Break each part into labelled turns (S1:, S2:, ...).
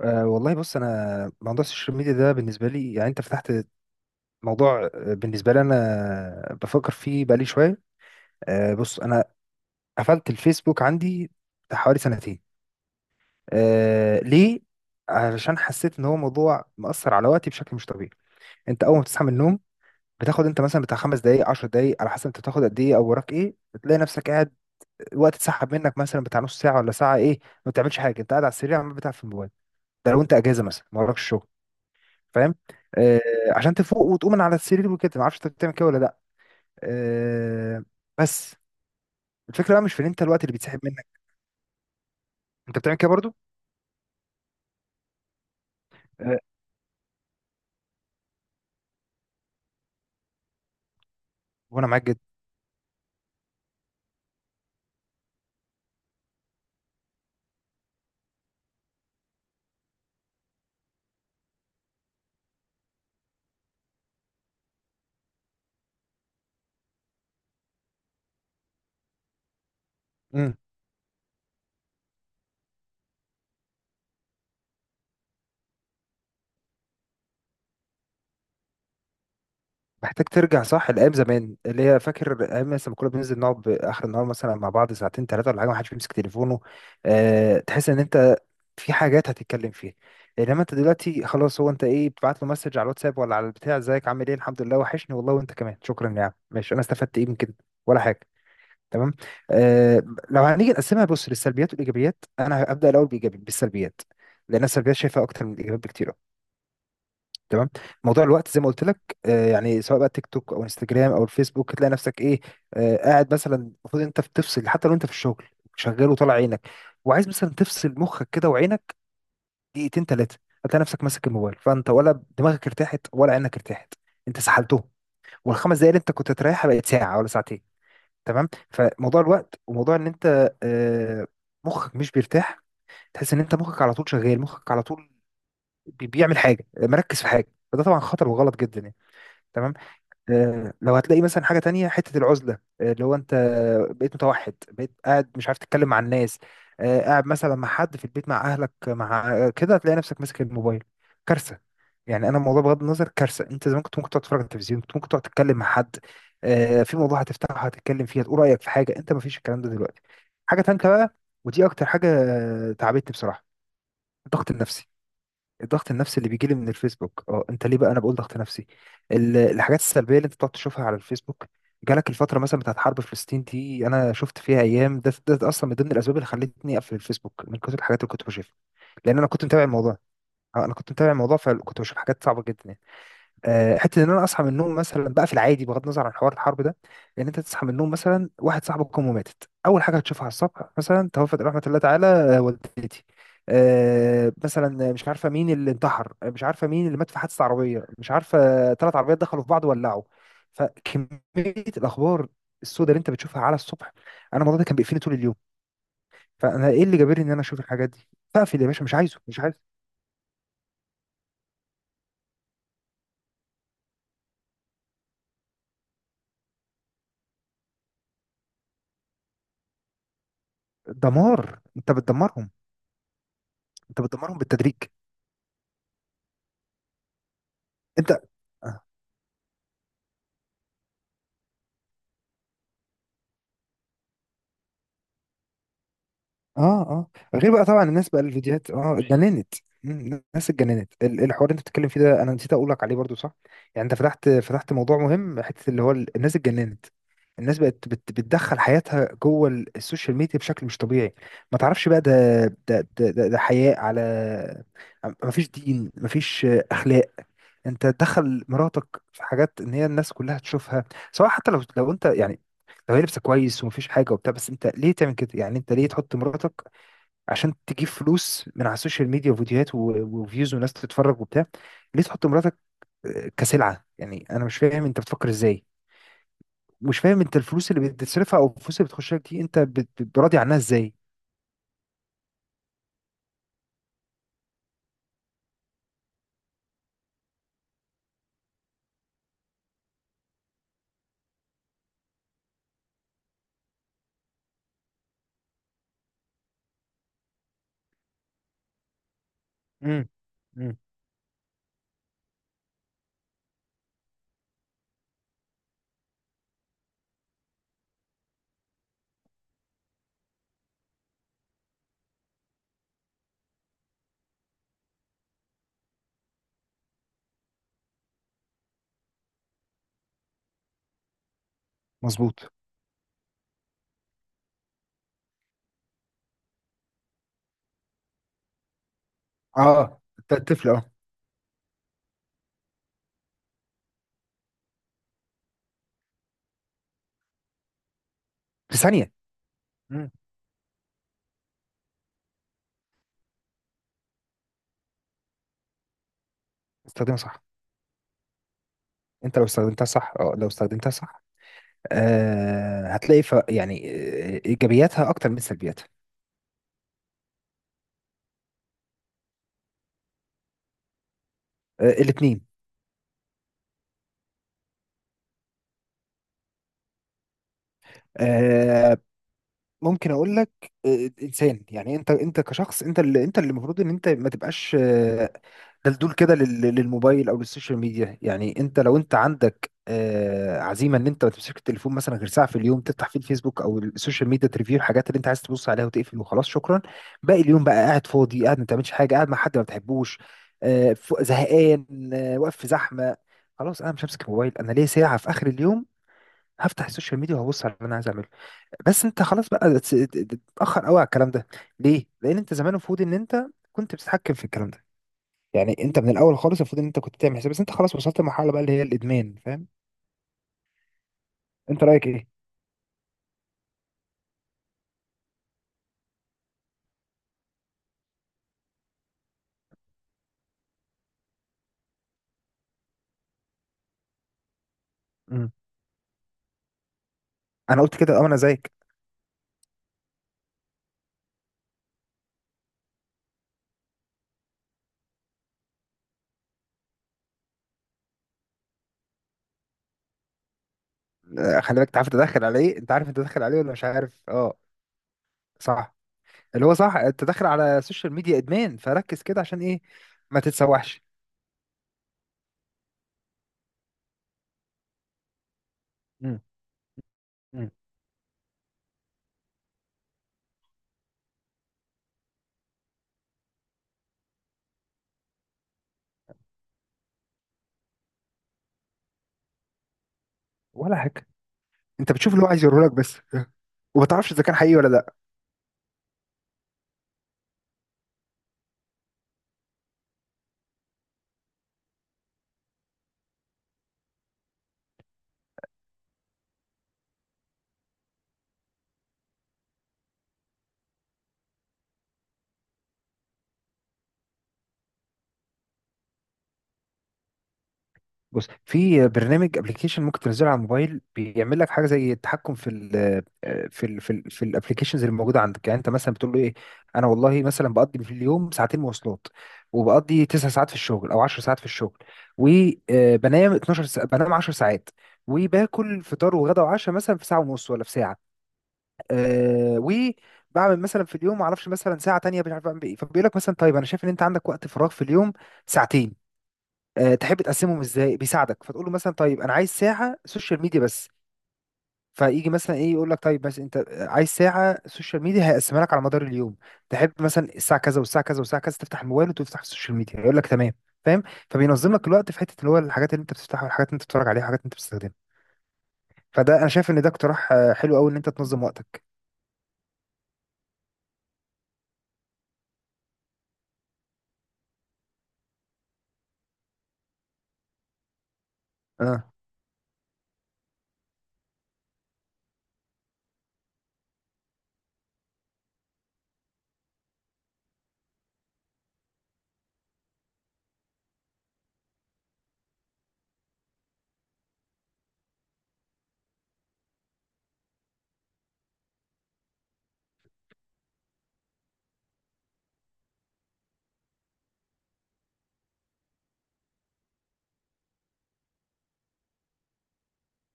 S1: والله بص، انا موضوع السوشيال ميديا ده بالنسبه لي، يعني انت فتحت موضوع، بالنسبه لي انا بفكر فيه بقالي شويه. بص انا قفلت الفيسبوك عندي بتاع حوالي سنتين. ليه؟ علشان حسيت ان هو موضوع مأثر على وقتي بشكل مش طبيعي. انت اول ما بتصحى من النوم بتاخد انت مثلا بتاع 5 دقايق 10 دقايق على حسب انت بتاخد قد ايه او وراك ايه، بتلاقي نفسك قاعد الوقت اتسحب منك مثلا بتاع نص ساعه ولا ساعه ايه، ما بتعملش حاجه، انت قاعد على السرير عمال بتاع في الموبايل. ده لو انت اجازه مثلا ما وراكش شغل. فاهم؟ آه عشان تفوق وتقوم من على السرير وكده. ما اعرفش انت بتعمل كده ولا لا. آه بس الفكره بقى مش في إن انت الوقت اللي بيتسحب منك، انت بتعمل كده برضو. آه، وانا معاك جدا. مم. محتاج ترجع صح لايام زمان، اللي هي فاكر ايام مثلا لما كنا بننزل نقعد اخر النهار مثلا مع بعض ساعتين ثلاثه ولا حاجه، ما حدش بيمسك تليفونه. آه، تحس ان انت في حاجات هتتكلم فيها، انما انت دلوقتي خلاص هو انت ايه؟ بتبعت له مسج على الواتساب ولا على البتاع: ازيك، عامل ايه، الحمد لله، وحشني والله، وانت كمان، شكرا يا عم، ماشي. انا استفدت ايه من كده؟ ولا حاجه. تمام. آه، لو هنيجي نقسمها بص للسلبيات والايجابيات، انا هبدا الاول بايجابي بالسلبيات لان السلبيات شايفها اكتر من الايجابيات بكتير أوي. تمام. موضوع الوقت زي ما قلت لك، يعني سواء بقى تيك توك او انستجرام او الفيسبوك تلاقي نفسك ايه؟ قاعد مثلا. المفروض انت بتفصل، حتى لو انت في الشغل شغال وطالع عينك وعايز مثلا تفصل مخك كده وعينك دقيقتين ثلاثه، هتلاقي نفسك ماسك الموبايل. فانت ولا دماغك ارتاحت ولا عينك ارتاحت، انت سحلتهم. والخمس دقايق اللي انت كنت تريحها بقت ساعه ولا ساعتين. تمام. فموضوع الوقت وموضوع ان انت آه، مخك مش بيرتاح. تحس ان انت مخك على طول شغال، مخك على طول بيعمل حاجه، مركز في حاجه. فده طبعا خطر وغلط جدا يعني. تمام. آه، لو هتلاقي مثلا حاجة تانية، حتة العزلة، اللي هو انت بقيت متوحد، بقيت قاعد مش عارف تتكلم مع الناس. آه، قاعد مثلا مع حد في البيت، مع اهلك، مع كده هتلاقي نفسك ماسك الموبايل. كارثة يعني. انا الموضوع بغض النظر كارثة. انت زمان كنت ممكن تقعد تتفرج على التلفزيون، كنت ممكن تقعد تتكلم مع حد. آه، في موضوع هتفتحه هتتكلم فيه، هتقول رأيك في حاجة. انت مفيش الكلام ده دلوقتي. حاجة تانية بقى، ودي اكتر حاجة تعبتني بصراحة: الضغط النفسي. الضغط النفسي اللي بيجي لي من الفيسبوك. اه، انت ليه بقى انا بقول ضغط نفسي؟ الحاجات السلبيه اللي انت بتقعد تشوفها على الفيسبوك. جالك الفتره مثلا بتاعت حرب فلسطين دي، انا شفت فيها ايام. ده اصلا من ضمن الاسباب اللي خلتني اقفل الفيسبوك، من كتر الحاجات اللي كنت بشوفها. لان انا كنت متابع الموضوع. اه، انا كنت متابع الموضوع فكنت بشوف حاجات صعبه جدا. آه، حته ان انا اصحى من النوم مثلا بقى في العادي بغض النظر عن حوار الحرب ده. ان انت تصحى من النوم مثلا واحد صاحبك امه ماتت، اول حاجه هتشوفها على الصبح مثلا: توفت رحمه الله تعالى، والدتي. آه، مثلا مش عارفه مين اللي انتحر، مش عارفه مين اللي مات في حادثه عربيه، مش عارفه 3 عربيات دخلوا في بعض وولعوا. فكميه الاخبار السوداء اللي انت بتشوفها على الصبح، انا الموضوع ده كان بيقفلني طول اليوم. فانا ايه اللي جابرني ان انا اشوف الحاجات دي؟ فاقفل يا باشا، مش عايزه مش عايز. دمار، انت بتدمرهم، انت بتدمرهم بالتدريج. انت آه. اه اه. غير بقى طبعا الناس بقى الفيديوهات اتجننت. مم، الناس اتجننت. الحوار اللي انت بتتكلم فيه ده انا نسيت اقول لك عليه برضو. صح، يعني انت فتحت موضوع مهم، حته اللي هو الناس اتجننت. الناس بقت بتدخل حياتها جوه السوشيال ميديا بشكل مش طبيعي. ما تعرفش بقى ده. ده حياء على، ما فيش دين، ما فيش اخلاق. انت تدخل مراتك في حاجات ان هي الناس كلها تشوفها، سواء حتى لو انت، يعني لو هي لابسه كويس ومفيش حاجه وبتاع. بس انت ليه تعمل كده؟ يعني انت ليه تحط مراتك عشان تجيب فلوس من على السوشيال ميديا، وفيديوهات وفيوز، وناس تتفرج وبتاع. ليه تحط مراتك، كسلعة؟ يعني انا مش فاهم انت بتفكر ازاي. مش فاهم انت الفلوس اللي بتصرفها او الفلوس اللي بتخش لك دي انت راضي عنها ازاي. امم. امم. مظبوط. اه انت الطفل، اه. في ثانية. امم. استخدمها صح. انت لو استخدمتها صح، اه لو استخدمتها صح هتلاقي يعني، ايجابياتها اكتر من سلبياتها. آه الاثنين. ممكن اقول لك، انسان يعني. انت كشخص، انت اللي المفروض ان انت ما تبقاش، دلدول كده للموبايل او للسوشيال ميديا. يعني لو انت عندك، عزيمه ان انت ما تمسكش التليفون مثلا غير ساعه في اليوم، تفتح فيه الفيسبوك او السوشيال ميديا، تريفيو الحاجات اللي انت عايز تبص عليها وتقفل وخلاص شكرا. باقي اليوم بقى قاعد فاضي، قاعد ما بتعملش حاجه، قاعد مع حد ما بتحبوش، زهقان، واقف في زحمه. خلاص انا مش همسك الموبايل، انا ليا ساعه في اخر اليوم هفتح السوشيال ميديا وهبص على اللي انا عايز اعمله. بس انت خلاص بقى تتاخر قوي على الكلام ده. ليه؟ لان انت زمان المفروض ان انت كنت بتتحكم في الكلام ده. يعني انت من الاول خالص المفروض ان انت كنت تعمل حساب. بس انت خلاص وصلت لمرحله بقى اللي هي الادمان. فاهم؟ انت رايك ايه؟ امم. انا قلت كده، اه انا زيك. آه، خلي بالك، انت عارف تدخل على ايه؟ انت عارف انت داخل عليه ولا مش عارف؟ اه. صح. اللي هو صح، انت داخل على السوشيال ميديا ادمان، فركز كده عشان ايه. ما تتسوحش. امم. امم. ولا حاجه. انت بتشوف اللي هو عايز يوريهولك بس، وما تعرفش اذا كان حقيقي ولا لا. بص، في برنامج ابلكيشن ممكن تنزله على الموبايل، بيعمل لك حاجه زي التحكم في ال، في ال في ال في الابلكيشنز اللي موجوده عندك. يعني انت مثلا بتقول له ايه: انا والله مثلا بقضي في اليوم ساعتين مواصلات، وبقضي 9 ساعات في الشغل او 10 ساعات في الشغل، وبنام 12 ساعة بنام 10 ساعات، وباكل فطار وغدا وعشاء مثلا في ساعه ونص ولا في ساعه. أه، وبعمل مثلا في اليوم ما اعرفش مثلا ساعه تانية مش عارف اعمل ايه. فبيقول لك مثلا طيب انا شايف ان انت عندك وقت فراغ في اليوم ساعتين، تحب تقسمهم ازاي؟ بيساعدك فتقول له مثلا طيب انا عايز ساعه سوشيال ميديا بس. فيجي مثلا ايه يقول لك طيب مثلا انت عايز ساعه سوشيال ميديا، هيقسمها لك على مدار اليوم. تحب مثلا الساعه كذا والساعه كذا والساعه كذا تفتح الموبايل وتفتح السوشيال ميديا؟ يقول لك تمام. فاهم؟ فبينظم لك الوقت في حته اللي هو الحاجات اللي انت بتفتحها والحاجات اللي انت بتتفرج عليها والحاجات اللي انت بتستخدمها. فده انا شايف ان ده اقتراح، حلو قوي ان انت تنظم وقتك. اه.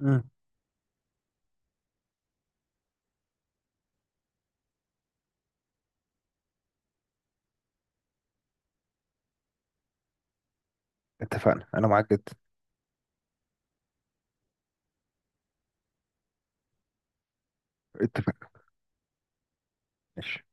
S1: امم. اتفقنا، انا معاك جدا. اتفقنا. ماشي.